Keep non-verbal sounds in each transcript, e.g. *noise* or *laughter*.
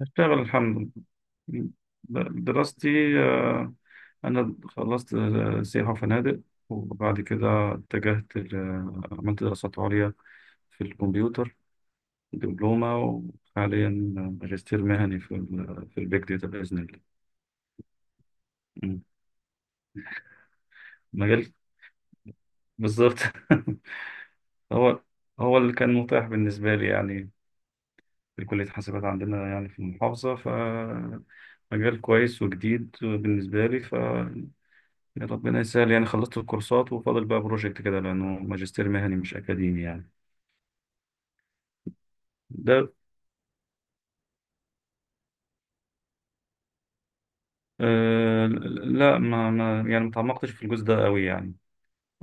بشتغل الحمد لله. دراستي، آه، أنا خلصت سياحة وفنادق، وبعد كده اتجهت عملت دراسات عليا في الكمبيوتر، دبلومة. وحاليا ماجستير مهني في البيج داتا بإذن الله. م. مجال بالظبط. *laughs* هو هو اللي كان متاح بالنسبة لي يعني، في كلية حاسبات عندنا يعني في المحافظة، ف مجال كويس وجديد بالنسبة لي. يا ربنا يسهل. يعني خلصت الكورسات وفاضل بقى بروجكت كده، لأنه ماجستير مهني مش أكاديمي يعني. ده آه لا، ما يعني ما تعمقتش في الجزء ده قوي يعني.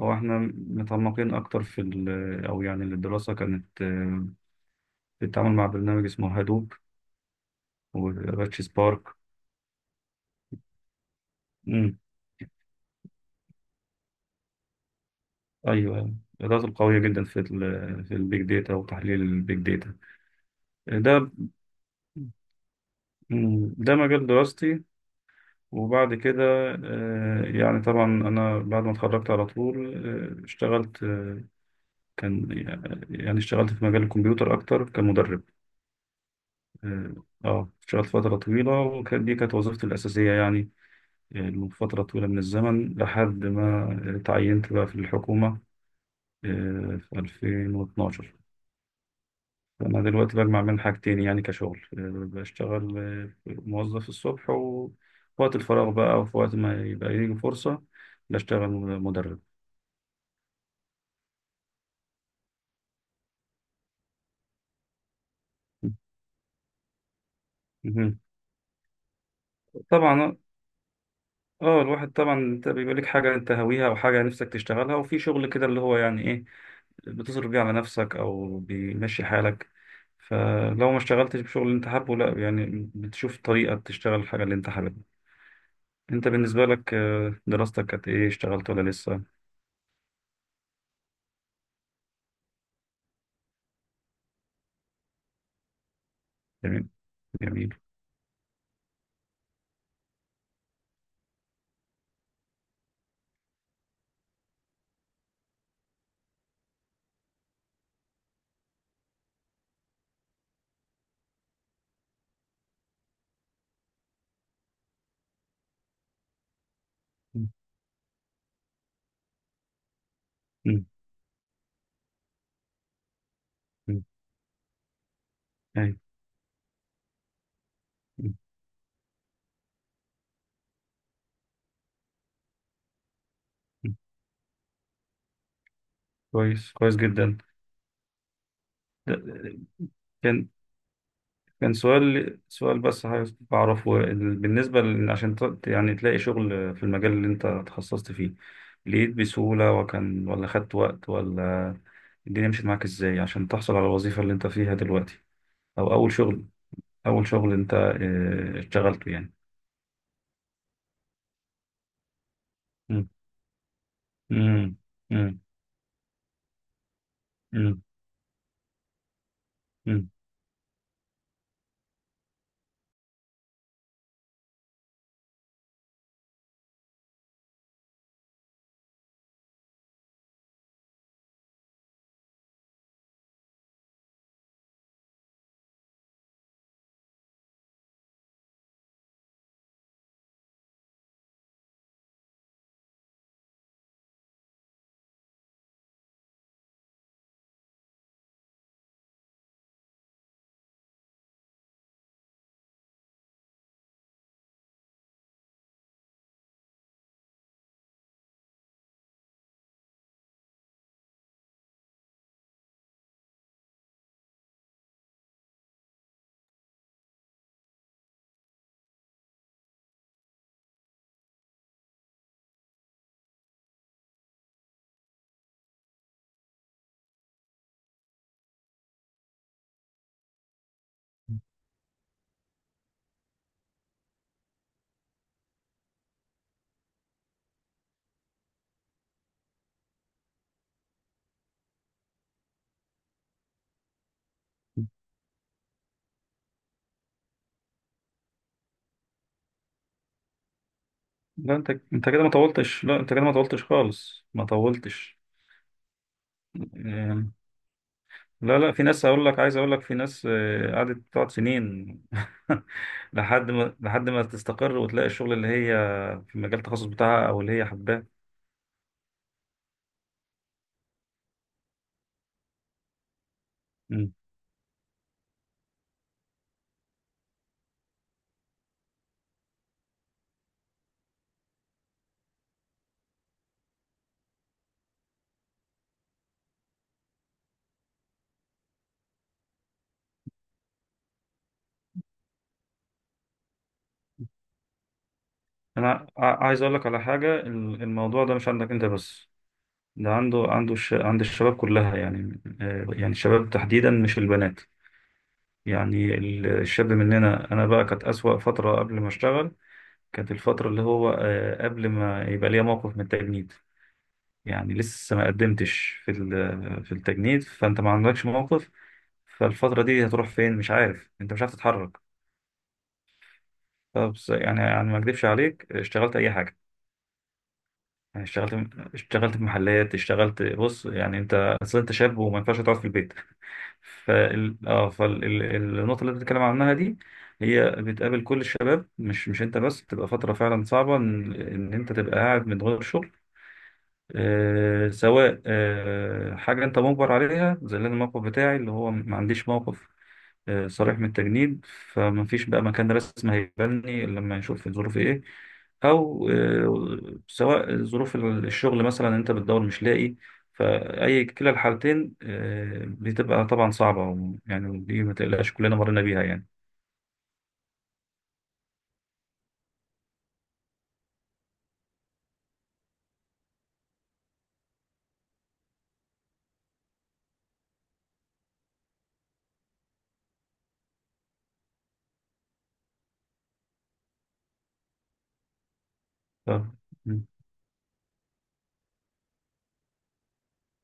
هو احنا متعمقين أكتر أو يعني الدراسة كانت، بتتعامل مع برنامج اسمه هادوب وأباتشي سبارك. مم. أيوه، الإدارات القوية جدا في البيج داتا وتحليل البيج داتا. ده مم. ده مجال دراستي. وبعد كده يعني طبعا، أنا بعد ما اتخرجت على طول اشتغلت. آه، كان يعني اشتغلت في مجال الكمبيوتر أكتر كمدرب. اه، اشتغلت فترة طويلة، دي كانت وظيفتي الأساسية يعني، فترة طويلة من الزمن، لحد ما تعينت بقى في الحكومة في 2012. أنا دلوقتي بجمع بين حاجتين، يعني كشغل بشتغل موظف الصبح، وفي وقت الفراغ بقى، وفي وقت ما يبقى يجي فرصة، بشتغل مدرب. مهم. طبعا، اه الواحد طبعا انت بيبقى لك حاجه انت هاويها او حاجه نفسك تشتغلها، وفي شغل كده اللي هو يعني ايه، بتصرف بيه على نفسك او بيمشي حالك. فلو ما اشتغلتش بشغل اللي انت حابه، لا يعني بتشوف طريقه تشتغل الحاجه اللي انت حاببها. انت بالنسبه لك دراستك كانت ايه؟ اشتغلت ولا لسه؟ جميل. جميل. مم. مم. أيوة. مم. مم. كويس، كويس جدا. ده- كان كان سؤال بس عايز أعرفه، بالنسبة عشان يعني تلاقي شغل في المجال اللي أنت تخصصت فيه، لقيت بسهولة وكان، ولا خدت وقت، ولا الدنيا مشيت معاك إزاي عشان تحصل على الوظيفة اللي أنت فيها دلوقتي؟ أو أول شغل، أول شغل أنت اشتغلته يعني. مم. مم. مم. مم. مم. لا، أنت كده ما طولتش، لا أنت كده ما طولتش خالص، ما طولتش. آه، لا، لا، في ناس هقول لك، عايز اقول لك، في ناس قعدت، تقعد سنين. *laughs* لحد ما تستقر وتلاقي الشغل اللي هي في مجال التخصص بتاعها او اللي هي حباه. مم. انا عايز اقول لك على حاجه. الموضوع ده مش عندك انت بس، ده عند الشباب كلها يعني، يعني الشباب تحديدا مش البنات. يعني الشاب مننا، انا بقى كانت اسوأ فتره قبل ما اشتغل، كانت الفتره اللي هو قبل ما يبقى ليا موقف من التجنيد. يعني لسه ما قدمتش في التجنيد، فانت ما عندكش موقف، فالفترة دي هتروح فين؟ مش عارف انت، مش عارف تتحرك. فبص يعني، يعني ما اكذبش عليك، اشتغلت اي حاجة، يعني اشتغلت في محلات، اشتغلت، بص يعني انت اصل انت شاب وما ينفعش تقعد في البيت. فالنقطة اللي انت بتتكلم عنها دي، هي بتقابل كل الشباب، مش انت بس. بتبقى فترة فعلا صعبة ان ان انت تبقى قاعد من غير شغل، سواء حاجة أنت مجبر عليها زي اللي أنا الموقف بتاعي، اللي هو ما عنديش موقف صريح من التجنيد، فما فيش بقى مكان رسمي هيقبلني إلا لما يشوف الظروف إيه. أو سواء ظروف الشغل، مثلا أنت بتدور مش لاقي. فأي كلا الحالتين بتبقى طبعا صعبة يعني، دي ما تقلقش، كلنا مرينا بيها يعني.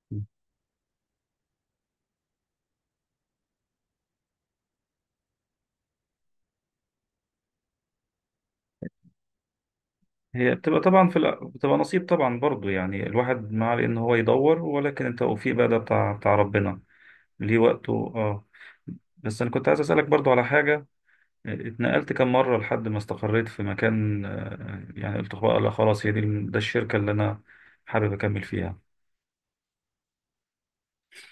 ف... هي بتبقى طبعا في بتبقى نصيب طبعا برضو يعني، الواحد ما عليه ان هو يدور، ولكن التوفيق بقى ده بتاع ربنا، ليه وقته. اه، بس انا كنت عايز اسالك برضو على حاجه. اتنقلت كم مره لحد ما استقريت في مكان؟ يعني قلت بقى لا خلاص هي دي، ده الشركه اللي انا حابب اكمل فيها؟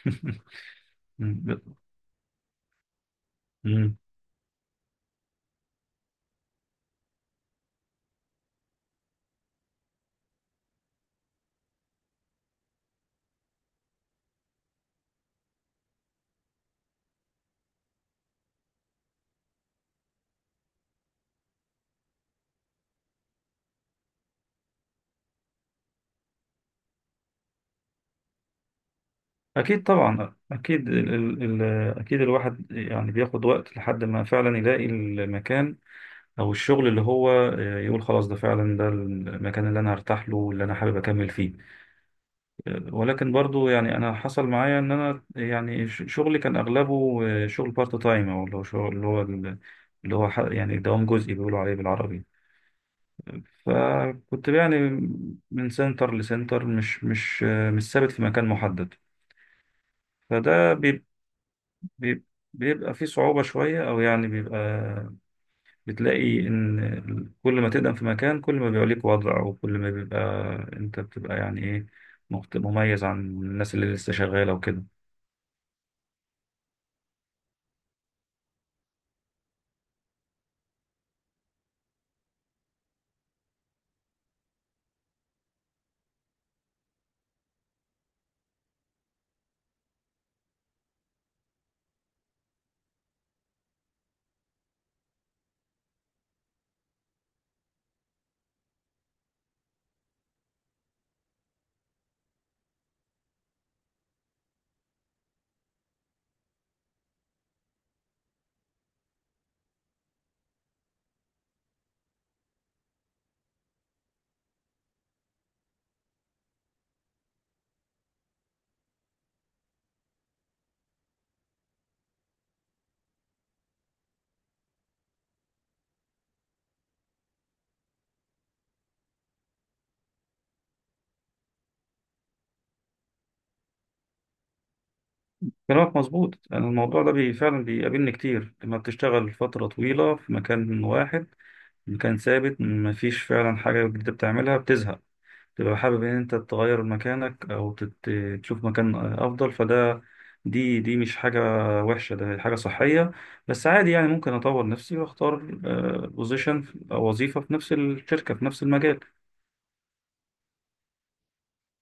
*laughs* مم. مم. اكيد، طبعا اكيد، ال ال ال اكيد الواحد يعني بياخد وقت لحد ما فعلا يلاقي المكان او الشغل اللي هو يقول خلاص ده فعلا ده المكان اللي انا هرتاح له واللي انا حابب اكمل فيه. ولكن برضو يعني انا حصل معايا ان انا يعني شغلي كان اغلبه شغل بارت تايم، او اللي هو شغل اللي هو اللي هو يعني دوام جزئي بيقولوا عليه بالعربي. فكنت يعني من سنتر لسنتر، مش ثابت في مكان محدد. فده بيب- بيب- بيبقى فيه صعوبة شوية، او يعني بيبقى بتلاقي إن كل ما تقدم في مكان، كل ما بيبقى ليك وضع، وكل ما بيبقى أنت بتبقى يعني إيه، مميز عن الناس اللي لسه شغالة وكده. كلامك مظبوط. أنا الموضوع ده بي فعلا بيقابلني كتير، لما بتشتغل فترة طويلة في مكان واحد، مكان ثابت، مفيش فعلا حاجة جديدة بتعملها، بتزهق، تبقى حابب ان انت تغير مكانك او تشوف مكان افضل. دي مش حاجة وحشة، ده حاجة صحية. بس عادي يعني، ممكن اطور نفسي واختار بوزيشن او وظيفة في نفس الشركة في نفس المجال.